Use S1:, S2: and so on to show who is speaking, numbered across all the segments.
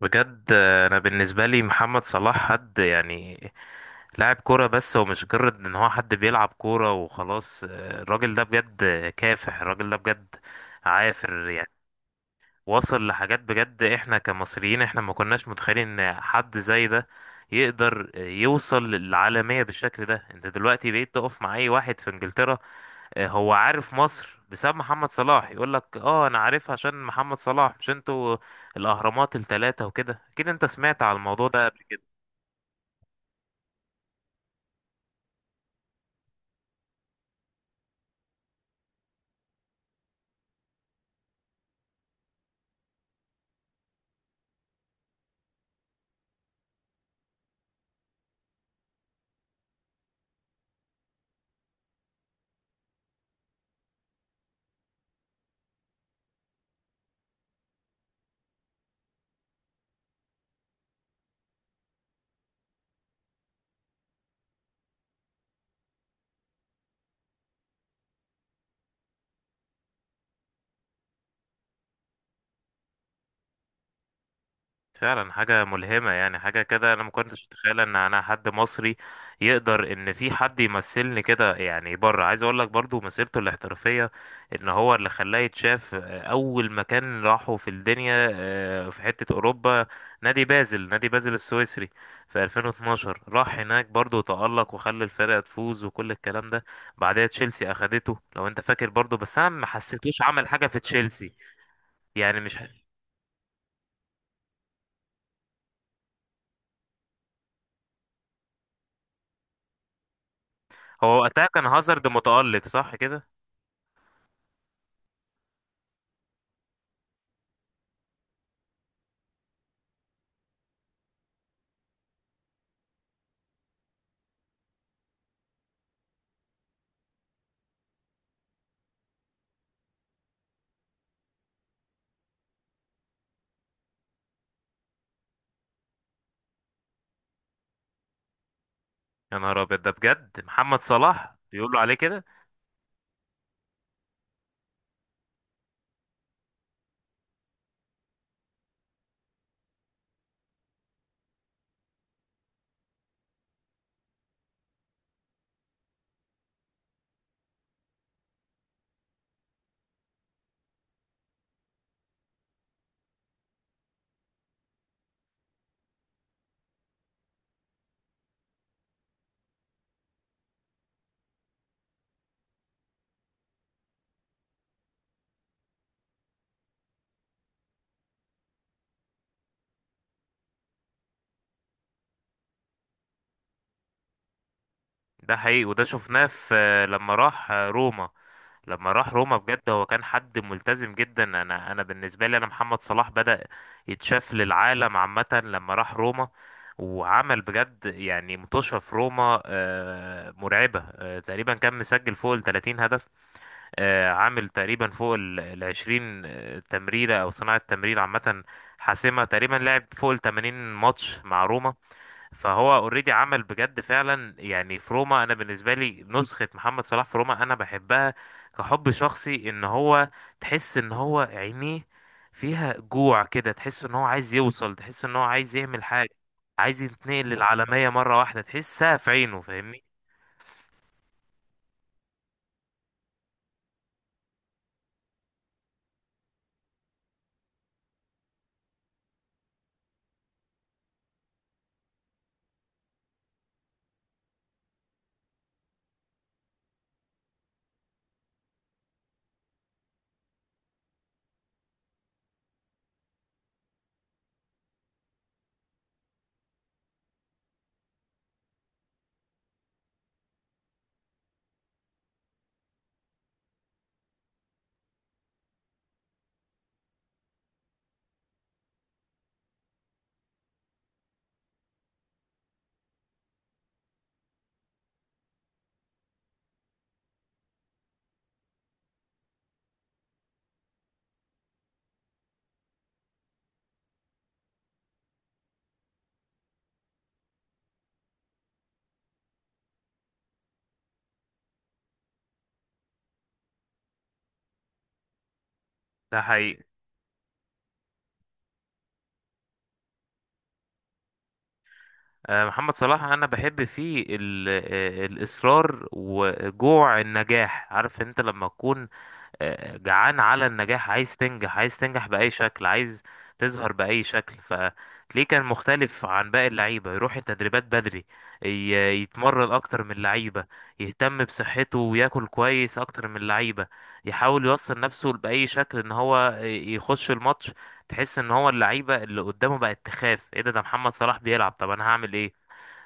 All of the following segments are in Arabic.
S1: بجد انا بالنسبه لي محمد صلاح حد لاعب كوره، بس هو مش مجرد ان هو حد بيلعب كوره وخلاص. الراجل ده بجد كافح، الراجل ده بجد عافر يعني. وصل لحاجات بجد، احنا كمصريين احنا ما كناش متخيلين ان حد زي ده يقدر يوصل للعالمية بالشكل ده. انت دلوقتي بقيت تقف مع اي واحد في انجلترا، هو عارف مصر بسبب محمد صلاح. يقول لك اه انا عارفها عشان محمد صلاح، مش انتوا الاهرامات الثلاثة وكده. اكيد انت سمعت على الموضوع ده قبل. فعلا حاجة ملهمة، يعني حاجة كده أنا ما كنتش أتخيل إن أنا حد مصري يقدر، إن في حد يمثلني كده يعني بره. عايز أقول لك برضو مسيرته الاحترافية إن هو اللي خلاه يتشاف. أول مكان راحه في الدنيا في حتة أوروبا، نادي بازل، نادي بازل السويسري في 2012. راح هناك برضو تألق وخلى الفرقة تفوز وكل الكلام ده. بعدها تشيلسي أخدته، لو أنت فاكر برضو، بس أنا ما حسيتوش عمل حاجة في تشيلسي يعني. مش هو وقتها كان هازارد متألق صح كده؟ يا نهار ابيض، ده بجد محمد صلاح بيقولوا عليه كده؟ ده حقيقي، وده شفناه في لما راح روما. لما راح روما بجد هو كان حد ملتزم جدا. انا بالنسبه لي، انا محمد صلاح بدأ يتشاف للعالم عامه لما راح روما، وعمل بجد يعني متوشة في روما مرعبة. تقريبا كان مسجل فوق ال 30 هدف، عامل تقريبا فوق ال 20 تمريرة أو صناعة تمرير عامة حاسمة، تقريبا لعب فوق ال 80 ماتش مع روما. فهو اوريدي عمل بجد فعلا يعني في روما. انا بالنسبه لي نسخه محمد صلاح في روما انا بحبها كحب شخصي. ان هو تحس ان هو عينيه فيها جوع كده، تحس ان هو عايز يوصل، تحس ان هو عايز يعمل حاجه، عايز يتنقل للعالميه مره واحده، تحسها في عينه فاهمني. ده حقيقي. محمد صلاح انا بحب فيه الاصرار وجوع النجاح. عارف انت لما تكون جعان على النجاح، عايز تنجح، عايز تنجح بأي شكل، عايز تظهر بأي شكل؟ فتلاقيه كان مختلف عن باقي اللعيبة، يروح التدريبات بدري، يتمرن أكتر من اللعيبة، يهتم بصحته وياكل كويس أكتر من اللعيبة، يحاول يوصل نفسه بأي شكل إن هو يخش الماتش. تحس إن هو اللعيبة اللي قدامه بقت تخاف، إيه ده؟ ده محمد صلاح بيلعب، طب أنا هعمل إيه؟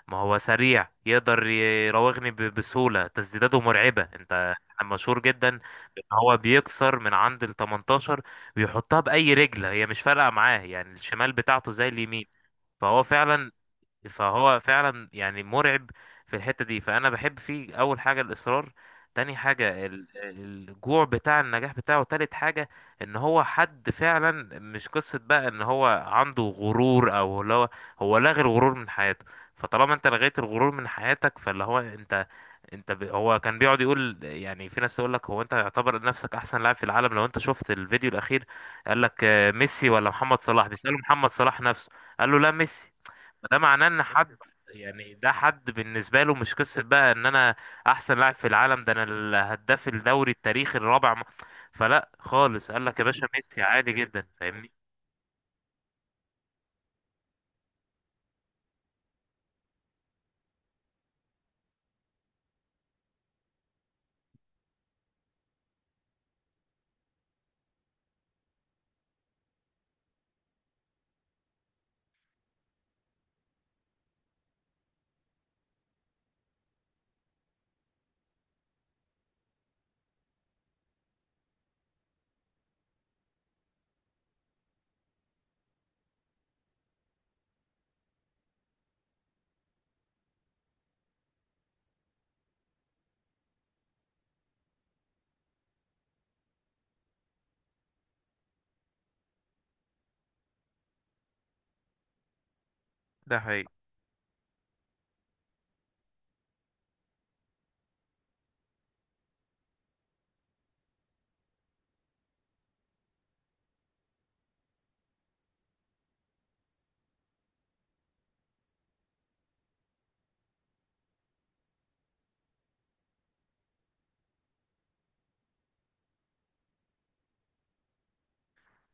S1: ما هو سريع يقدر يراوغني بسهولة، تسديداته مرعبة، انت مشهور جدا بان هو بيكسر من عند ال 18 بيحطها بأي رجل، هي مش فارقة معاه يعني، الشمال بتاعته زي اليمين. فهو فعلا فهو فعلا يعني مرعب في الحتة دي. فأنا بحب فيه أول حاجة الإصرار، تاني حاجة الجوع بتاع النجاح بتاعه، تالت حاجة إن هو حد فعلا مش قصة بقى إن هو عنده غرور أو اللي هو، هو لغى الغرور من حياته. فطالما أنت لغيت الغرور من حياتك، فاللي هو أنت، هو كان بيقعد يقول يعني، في ناس تقول لك هو أنت يعتبر نفسك أحسن لاعب في العالم؟ لو أنت شفت الفيديو الأخير، قال لك ميسي ولا محمد صلاح؟ بيسأله محمد صلاح نفسه، قال له لا، ميسي. ده معناه ان حد يعني، ده حد بالنسبه له مش قصه بقى ان انا احسن لاعب في العالم، ده انا الهداف الدوري التاريخي الرابع فلا خالص، قال لك يا باشا ميسي عادي جدا، فاهمني. ده حقيقي.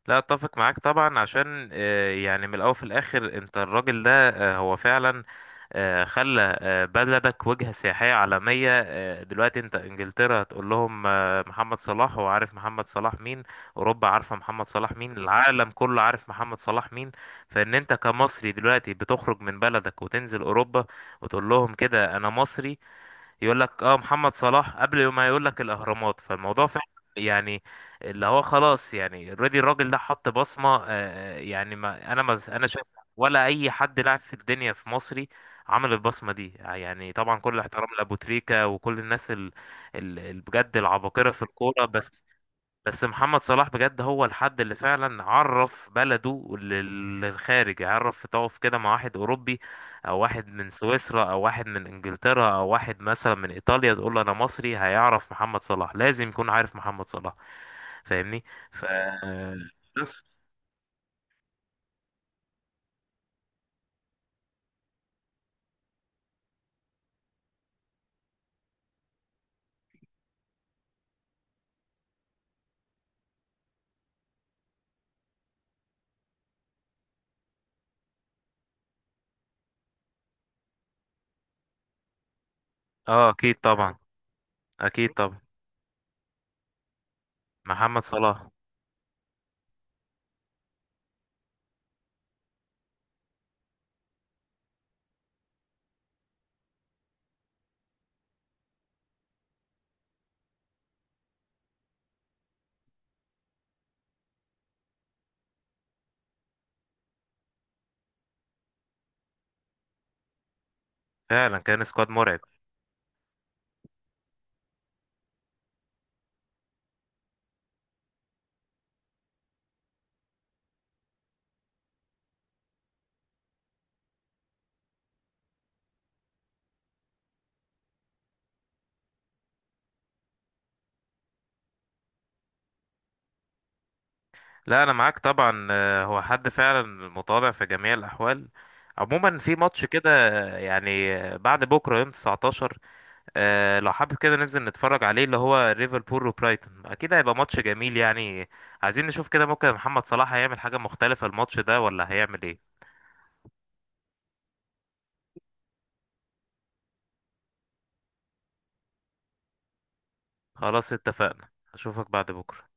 S1: لا، اتفق معاك طبعا عشان يعني من الاول في الاخر انت الراجل ده هو فعلا خلى بلدك وجهة سياحية عالمية. دلوقتي انت انجلترا هتقول لهم محمد صلاح، هو عارف محمد صلاح مين، اوروبا عارفة محمد صلاح مين، العالم كله عارف محمد صلاح مين. فان انت كمصري دلوقتي بتخرج من بلدك وتنزل اوروبا وتقول لهم كده انا مصري، يقول لك اه محمد صلاح قبل ما يقول لك الاهرامات. فالموضوع فعلا يعني اللي هو خلاص يعني اوريدي، الراجل ده حط بصمه. يعني ما انا شايف ولا اي حد لاعب في الدنيا في مصري عمل البصمه دي. يعني طبعا كل الاحترام لابو تريكا وكل الناس بجد العباقره في الكوره، بس بس محمد صلاح بجد هو الحد اللي فعلا عرف بلده للخارج. عرف يقف كده مع واحد أوروبي أو واحد من سويسرا أو واحد من إنجلترا أو واحد مثلا من إيطاليا، تقول له أنا مصري هيعرف محمد صلاح، لازم يكون عارف محمد صلاح فاهمني. ف بس اه أكيد طبعا، أكيد طبعا محمد صلاح. فعلا كان سكواد مرعب. لا، انا معاك طبعا، هو حد فعلا متواضع في جميع الاحوال. عموما في ماتش كده، بعد بكره يوم 19، لو حابب كده ننزل نتفرج عليه اللي هو ليفربول وبرايتون، اكيد هيبقى ماتش جميل يعني. عايزين نشوف كده، ممكن محمد صلاح هيعمل حاجه مختلفه الماتش ده ولا هيعمل ايه؟ خلاص اتفقنا، اشوفك بعد بكره.